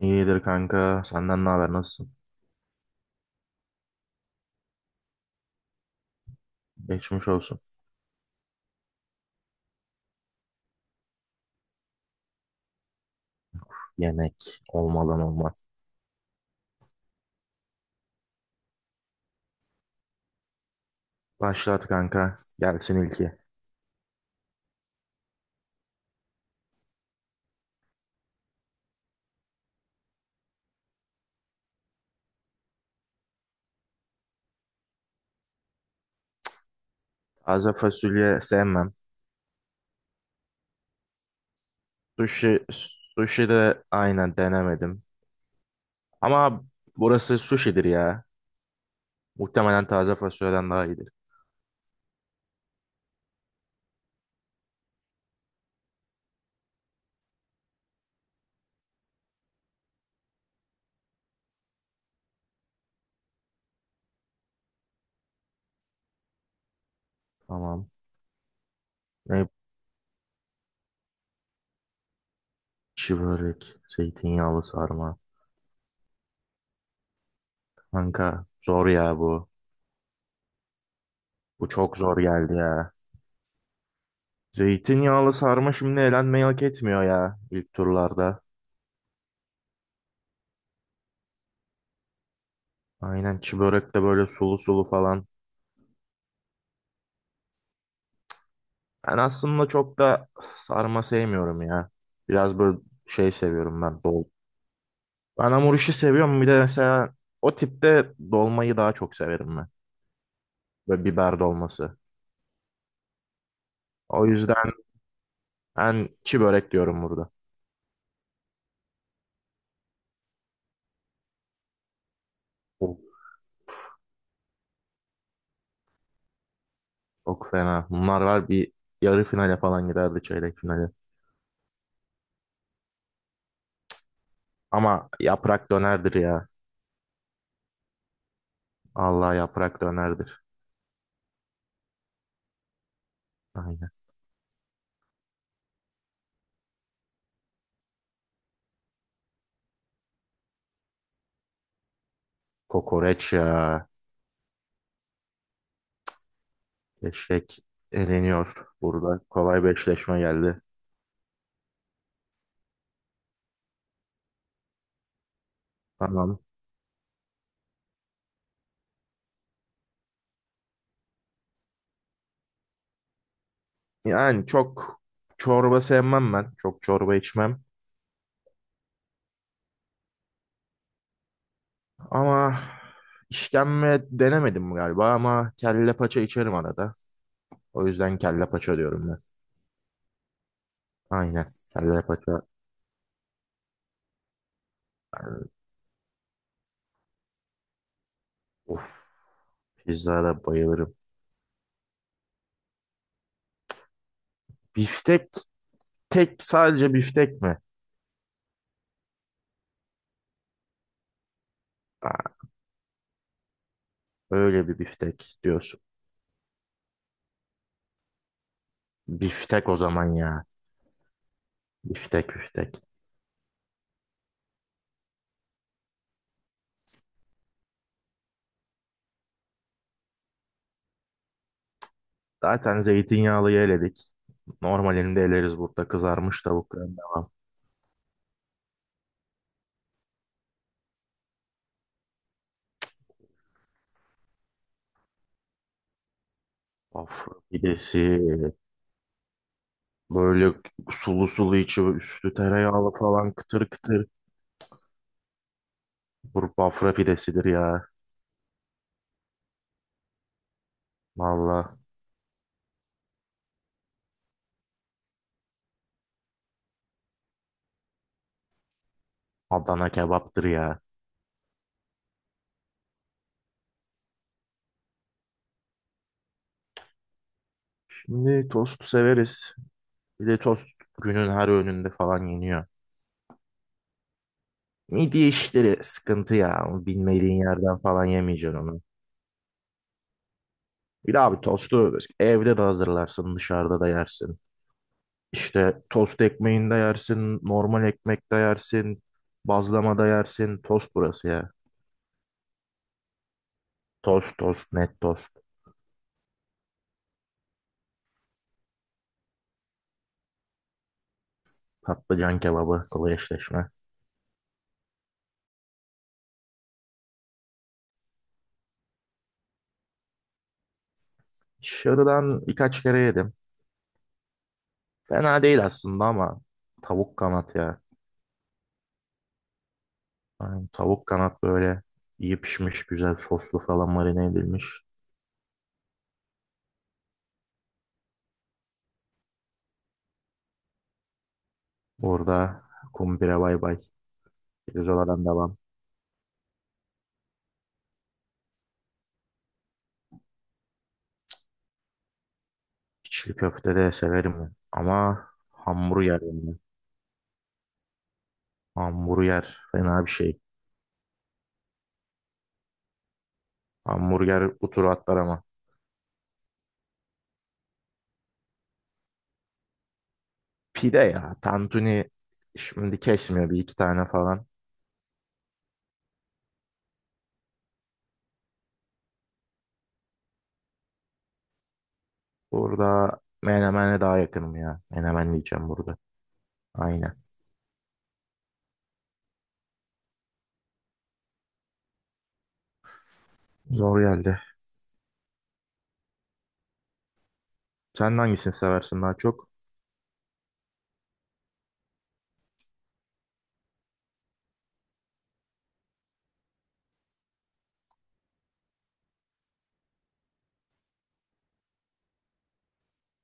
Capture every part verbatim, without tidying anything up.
İyidir kanka. Senden ne haber? Nasılsın? Geçmiş olsun. Yemek olmadan olmaz. Başlat kanka. Gelsin ilki. Taze fasulye sevmem. Sushi, sushi de aynen denemedim. Ama burası sushi'dir ya. Muhtemelen taze fasulyeden daha iyidir. Tamam. Ne? Çiğ börek, zeytinyağlı sarma. Kanka zor ya bu. Bu çok zor geldi ya. Zeytinyağlı sarma şimdi elenmeyi hak etmiyor ya ilk turlarda. Aynen çi börek de böyle sulu sulu falan. Ben aslında çok da sarma sevmiyorum ya. Biraz böyle şey seviyorum ben dol. Ben hamur işi seviyorum, bir de mesela o tipte dolmayı daha çok severim ben. Böyle biber dolması. O yüzden ben çi börek diyorum burada. Of, çok fena. Bunlar var, bir yarı finale falan giderdi, çeyrek finale. Ama yaprak dönerdir ya. Allah yaprak dönerdir. Aynen. Kokoreç ya. Eşek eleniyor burada. Kolay bir eşleşme geldi. Tamam. Yani çok çorba sevmem ben. Çok çorba içmem. Ama işkembe denemedim galiba ama kelle paça içerim arada. O yüzden kelle paça diyorum ben. Aynen. Kelle paça. Of. Pizzada bayılırım. Biftek tek, sadece biftek mi? Aa, öyle bir biftek diyorsun. Biftek o zaman ya. Biftek biftek. Zaten zeytinyağlıyı eledik. Normalinde eleriz burada, kızarmış tavukların devam. Of, pidesi böyle sulu sulu, içi üstü tereyağlı falan, kıtır kıtır. Bu bafra pidesidir ya. Valla Adana kebaptır ya. Şimdi tost severiz. Bir de tost günün her öğününde falan yeniyor. Midye işleri sıkıntı ya. Bilmediğin yerden falan yemeyeceksin onu. Bir de abi tostu evde de hazırlarsın, dışarıda da yersin. İşte tost ekmeğinde yersin, normal ekmekte yersin, bazlamada yersin. Tost burası ya. Tost, tost, net tost. Patlıcan kebabı, kolay eşleşme. Şırdan birkaç kere yedim. Fena değil aslında ama tavuk kanat ya. Yani tavuk kanat böyle iyi pişmiş, güzel soslu falan, marine edilmiş. Orada kumpire bay bay. Pirzolardan devam. İçli köfte de severim ben, ama hamburger yani. Hamburger fena bir şey. Hamburger bu turu atlar ama. Pide ya. Tantuni şimdi kesmiyor bir iki tane falan. Burada menemene daha yakınım ya. Menemen diyeceğim burada. Aynen. Zor geldi. Sen hangisini seversin daha çok?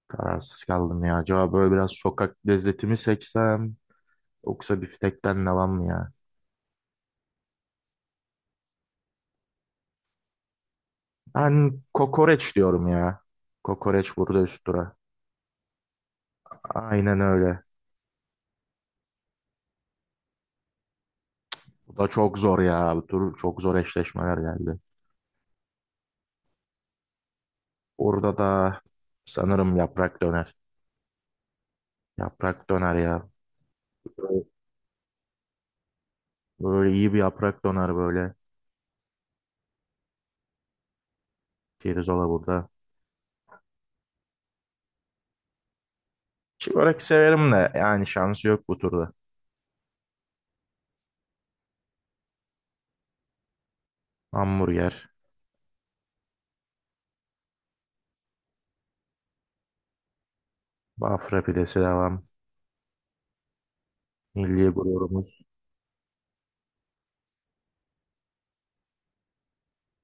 Kararsız kaldım ya. Acaba böyle biraz sokak lezzeti mi seçsem? Yoksa biftekten devam mı ya? Ben kokoreç diyorum ya. Kokoreç burada üst dura. Aynen öyle. Bu da çok zor ya. Bu tur çok zor eşleşmeler geldi. Orada da sanırım yaprak döner. Yaprak döner ya. Böyle böyle iyi bir yaprak döner böyle. Pirzola burada. Çiğörek severim de yani şansı yok bu turda. Hamburger, Bafra pidesi devam. Milli gururumuz.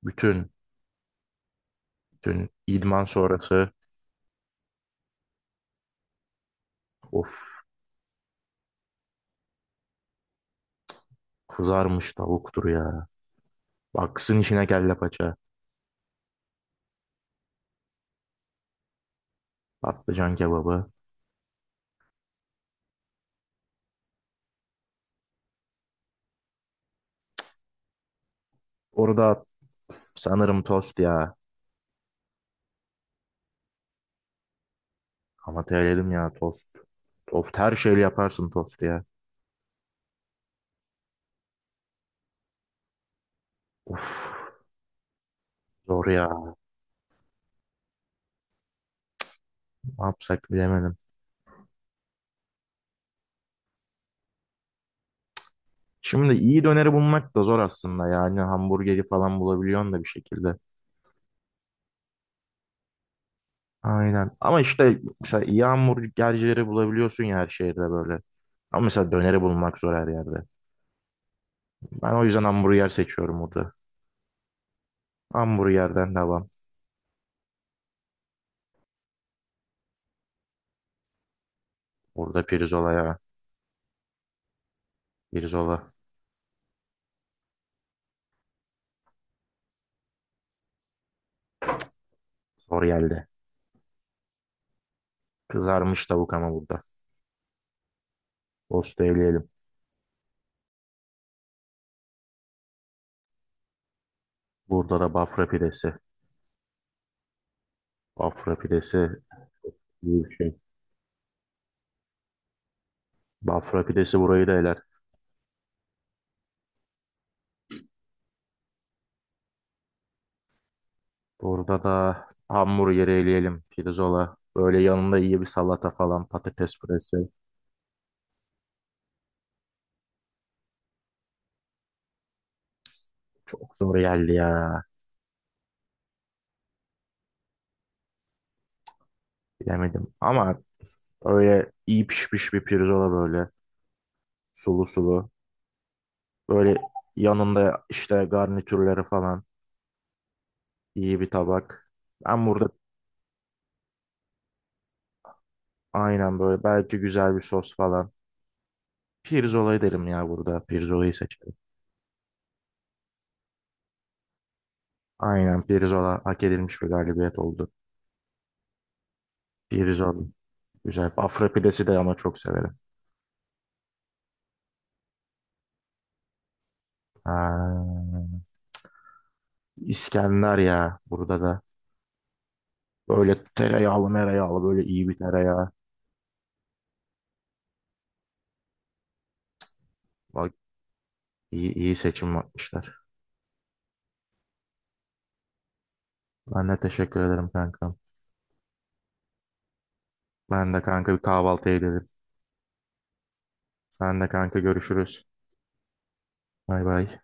Bütün, bütün idman sonrası. Of, kızarmış tavuktur ya. Baksın içine kelle paça. Patlıcan kebabı. Orada sanırım tost ya. Ama terim ya tost. Tost her şeyle yaparsın, tost ya. Of, zor ya. Ne yapsak bilemedim. Şimdi iyi döneri bulmak da zor aslında, yani hamburgeri falan bulabiliyorsun da bir şekilde. Aynen. Ama işte mesela iyi hamburgercileri bulabiliyorsun ya her şehirde böyle. Ama mesela döneri bulmak zor her yerde. Ben o yüzden hamburger seçiyorum burada. Hamburgerden devam. Burada pirzola ya. Pirzola. Zor geldi. Kızarmış tavuk ama burada. Tost eleyelim. Burada da bafra pidesi. Bafra pidesi İyi bir şey. Bafra pidesi burayı da eler. Burada da hamburgeri eleyelim. Pirzola. Böyle yanında iyi bir salata falan. Patates püresi. Çok zor geldi ya. Bilemedim. Ama öyle iyi pişmiş bir pirzola böyle. Sulu sulu. Böyle yanında işte garnitürleri falan. İyi bir tabak. Ben burada aynen böyle belki güzel bir sos falan. Pirzola derim ya burada. Pirzolayı seçerim. Aynen, pirzola hak edilmiş bir galibiyet oldu. Pirzola. Güzel. Afra pidesi de ama çok severim. Ha, İskender ya burada da. Böyle tereyağlı mereyağlı, böyle iyi bir tereyağı. Bak, iyi, iyi seçim yapmışlar. Ben de teşekkür ederim kankam. Ben de kanka, bir kahvaltıya gidelim. Sen de kanka, görüşürüz. Bay bay.